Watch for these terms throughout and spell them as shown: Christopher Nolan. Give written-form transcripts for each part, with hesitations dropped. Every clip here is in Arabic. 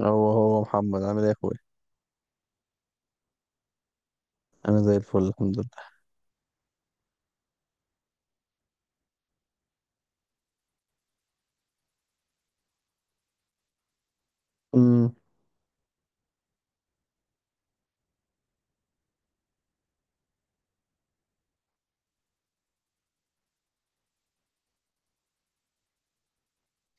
هو محمد عامل ايه يا اخويا؟ انا زي الفل، الحمد لله. امم.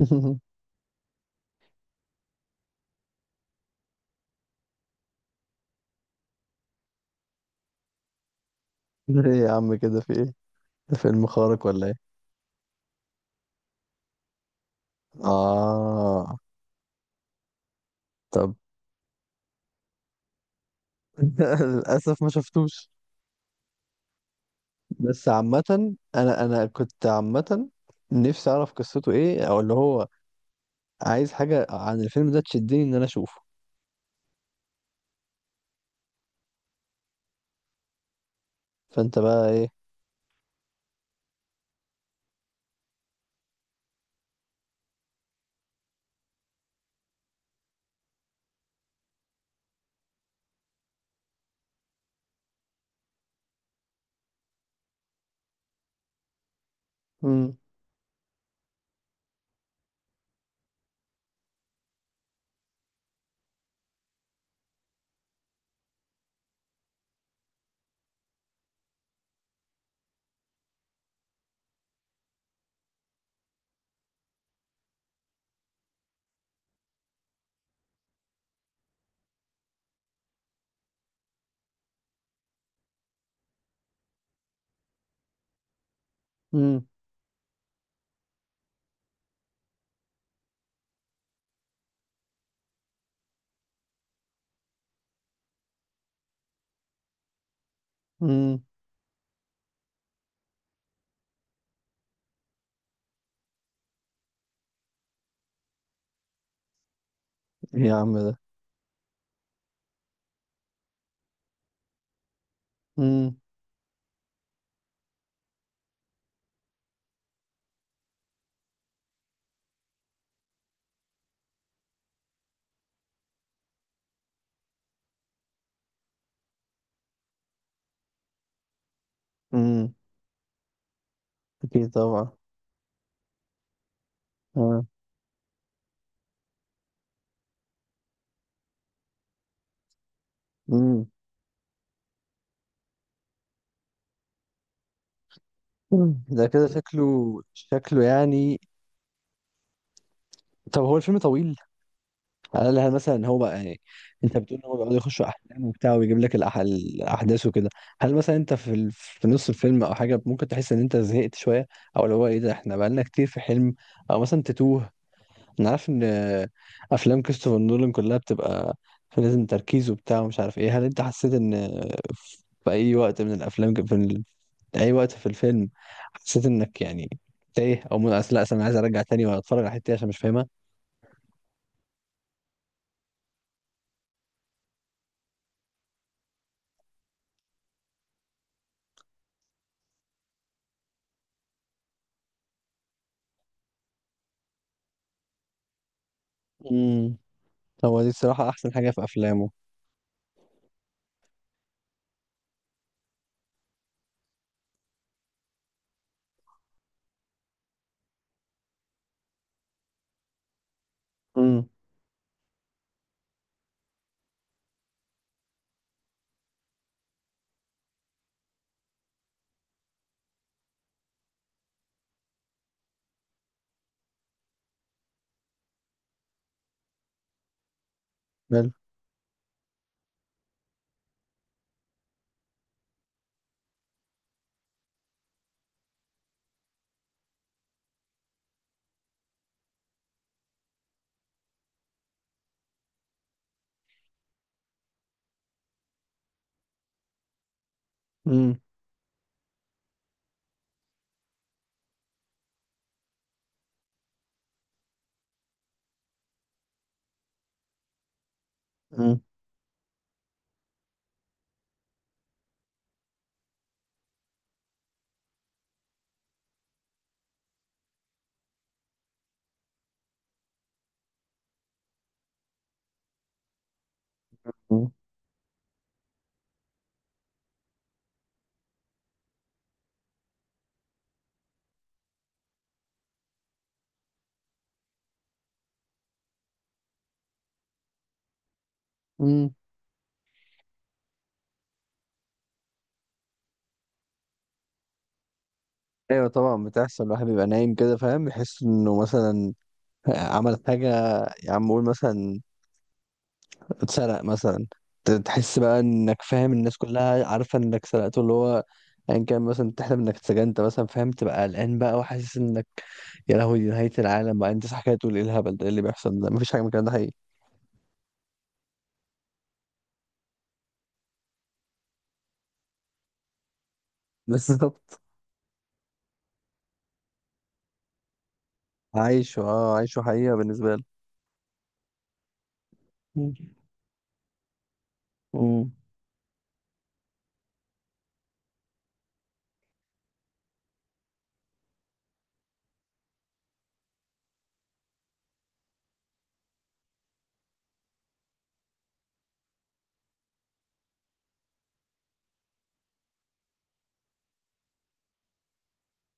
ايه يا عم، كده في ايه؟ ده فيلم خارق ولا ايه؟ اه. طب. للاسف ما شفتوش. بس عامه، انا كنت عامه، نفسي اعرف قصته ايه، او اللي هو عايز حاجه عن الفيلم ده تشدني ان انا اشوفه. فانت بقى ايه؟ امم. امم. امم. ايه يا عم ده؟ امم. امم. اكيد طبعا. آه. امم. ده كده شكله. شكله يعني. طب هو الفيلم طويل؟ قالها مثلا هو بقى يعني. انت بتقول ان هو بيقعد يخش احلام وبتاع ويجيب لك الاحداث وكده. هل مثلا انت في في نص الفيلم او حاجه ممكن تحس ان انت زهقت شويه، او اللي هو ايه ده احنا بقالنا كتير في حلم، او مثلا تتوه. انا عارف ان افلام كريستوفر نولان كلها بتبقى لازم تركيز وبتاع ومش عارف ايه، هل انت حسيت ان في اي وقت من الافلام في اي وقت في الفيلم، حسيت انك يعني تايه او أصل لا أصل انا عايز ارجع تاني واتفرج على الحته دي عشان مش فاهمها. هو دي الصراحة أحسن حاجة في أفلامه. امم. حلو. امم. امم. امم. أمم. أيوة طبعا بتحصل، الواحد بيبقى نايم كده فاهم، يحس إنه مثلا عمل حاجة. يا عم قول مثلا اتسرق مثلا، تحس بقى إنك فاهم الناس كلها عارفة إنك سرقته اللي هو أيا كان، مثلا تحلم إنك اتسجنت مثلا فاهم، تبقى قلقان بقى وحاسس إنك يا لهوي دي نهاية العالم بقى، أنت صح كده تقول إيه الهبل ده، إيه اللي بيحصل ده، مفيش حاجة من الكلام ده حقيقي. بالظبط. عايشه أه عايشه حقيقة بالنسبة له. امم.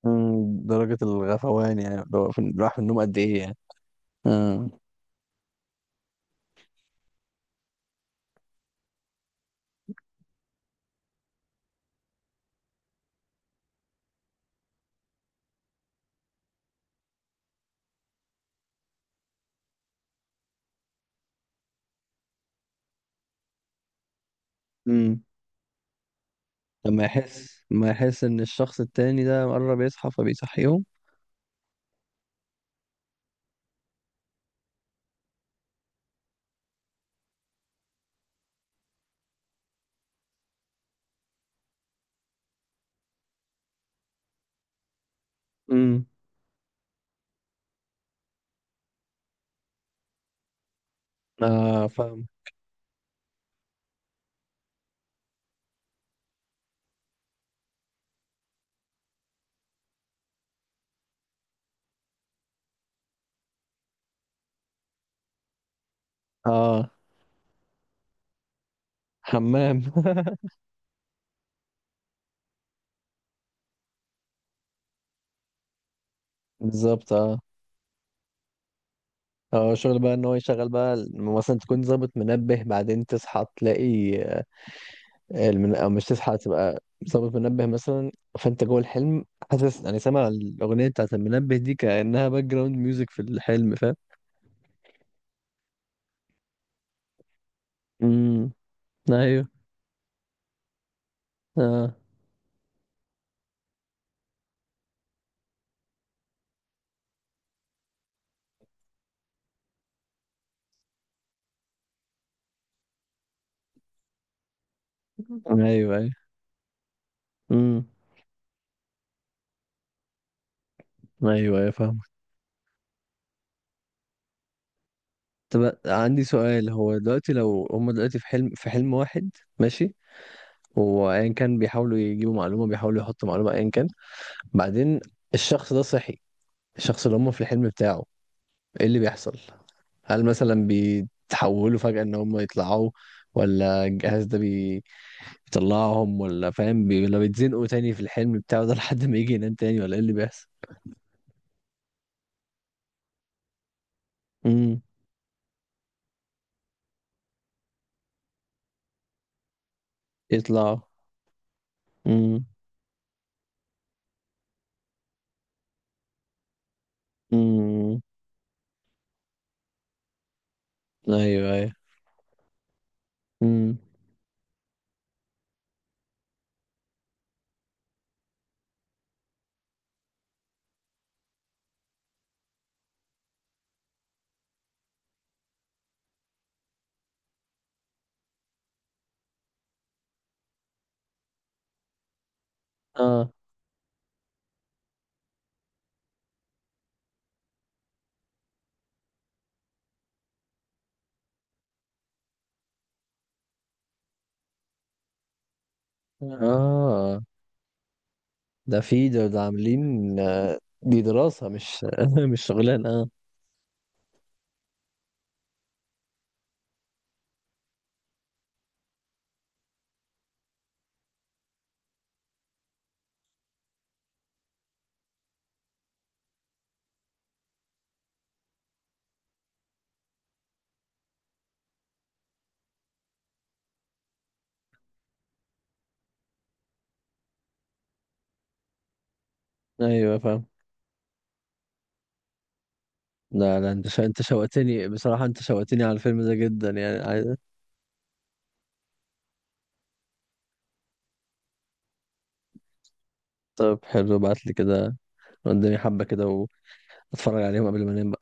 مم، درجة الغفوان يعني لو راح في النوم قد إيه يعني. آه. امم. لما يحس إن الشخص التاني ده قرب يصحى فبيصحيهم. امم. آه فاهم. آه. حمام. بالظبط آه. اه شغل بقى ان هو يشغل بقى مثلا تكون ظابط منبه، بعدين تصحى تلاقي او مش تصحى تبقى ظابط منبه مثلا، فانت جوه الحلم حاسس يعني سامع الاغنيه بتاعت المنبه دي كانها باك جراوند ميوزك في الحلم فاهم. امم. ايوه. اه. ايوه ايوه. امم. ايوه ايوه فاهم. طب عندي سؤال، هو دلوقتي لو هم دلوقتي في حلم واحد، ماشي، وايا كان بيحاولوا يجيبوا معلومه بيحاولوا يحطوا معلومه ايا كان، بعدين الشخص ده صحي، الشخص اللي هم في الحلم بتاعه، ايه اللي بيحصل؟ هل مثلا بيتحولوا فجأة ان هم يطلعوا، ولا الجهاز ده بيطلعهم، ولا فاهم ولا بيتزنقوا تاني في الحلم بتاعه ده لحد ما يجي ينام تاني، ولا ايه اللي بيحصل؟ امم. يطلعوا. امم. ايوه ايوه. امم. اه اه. ده عاملين دي دراسة مش مش شغلانة اه. ايوه فاهم. لا لا، انت شوقتني بصراحة، انت شوقتني على الفيلم ده جدا يعني عايز... طب حلو، ابعت لي كده قدامي حبة كده واتفرج عليهم قبل ما انام.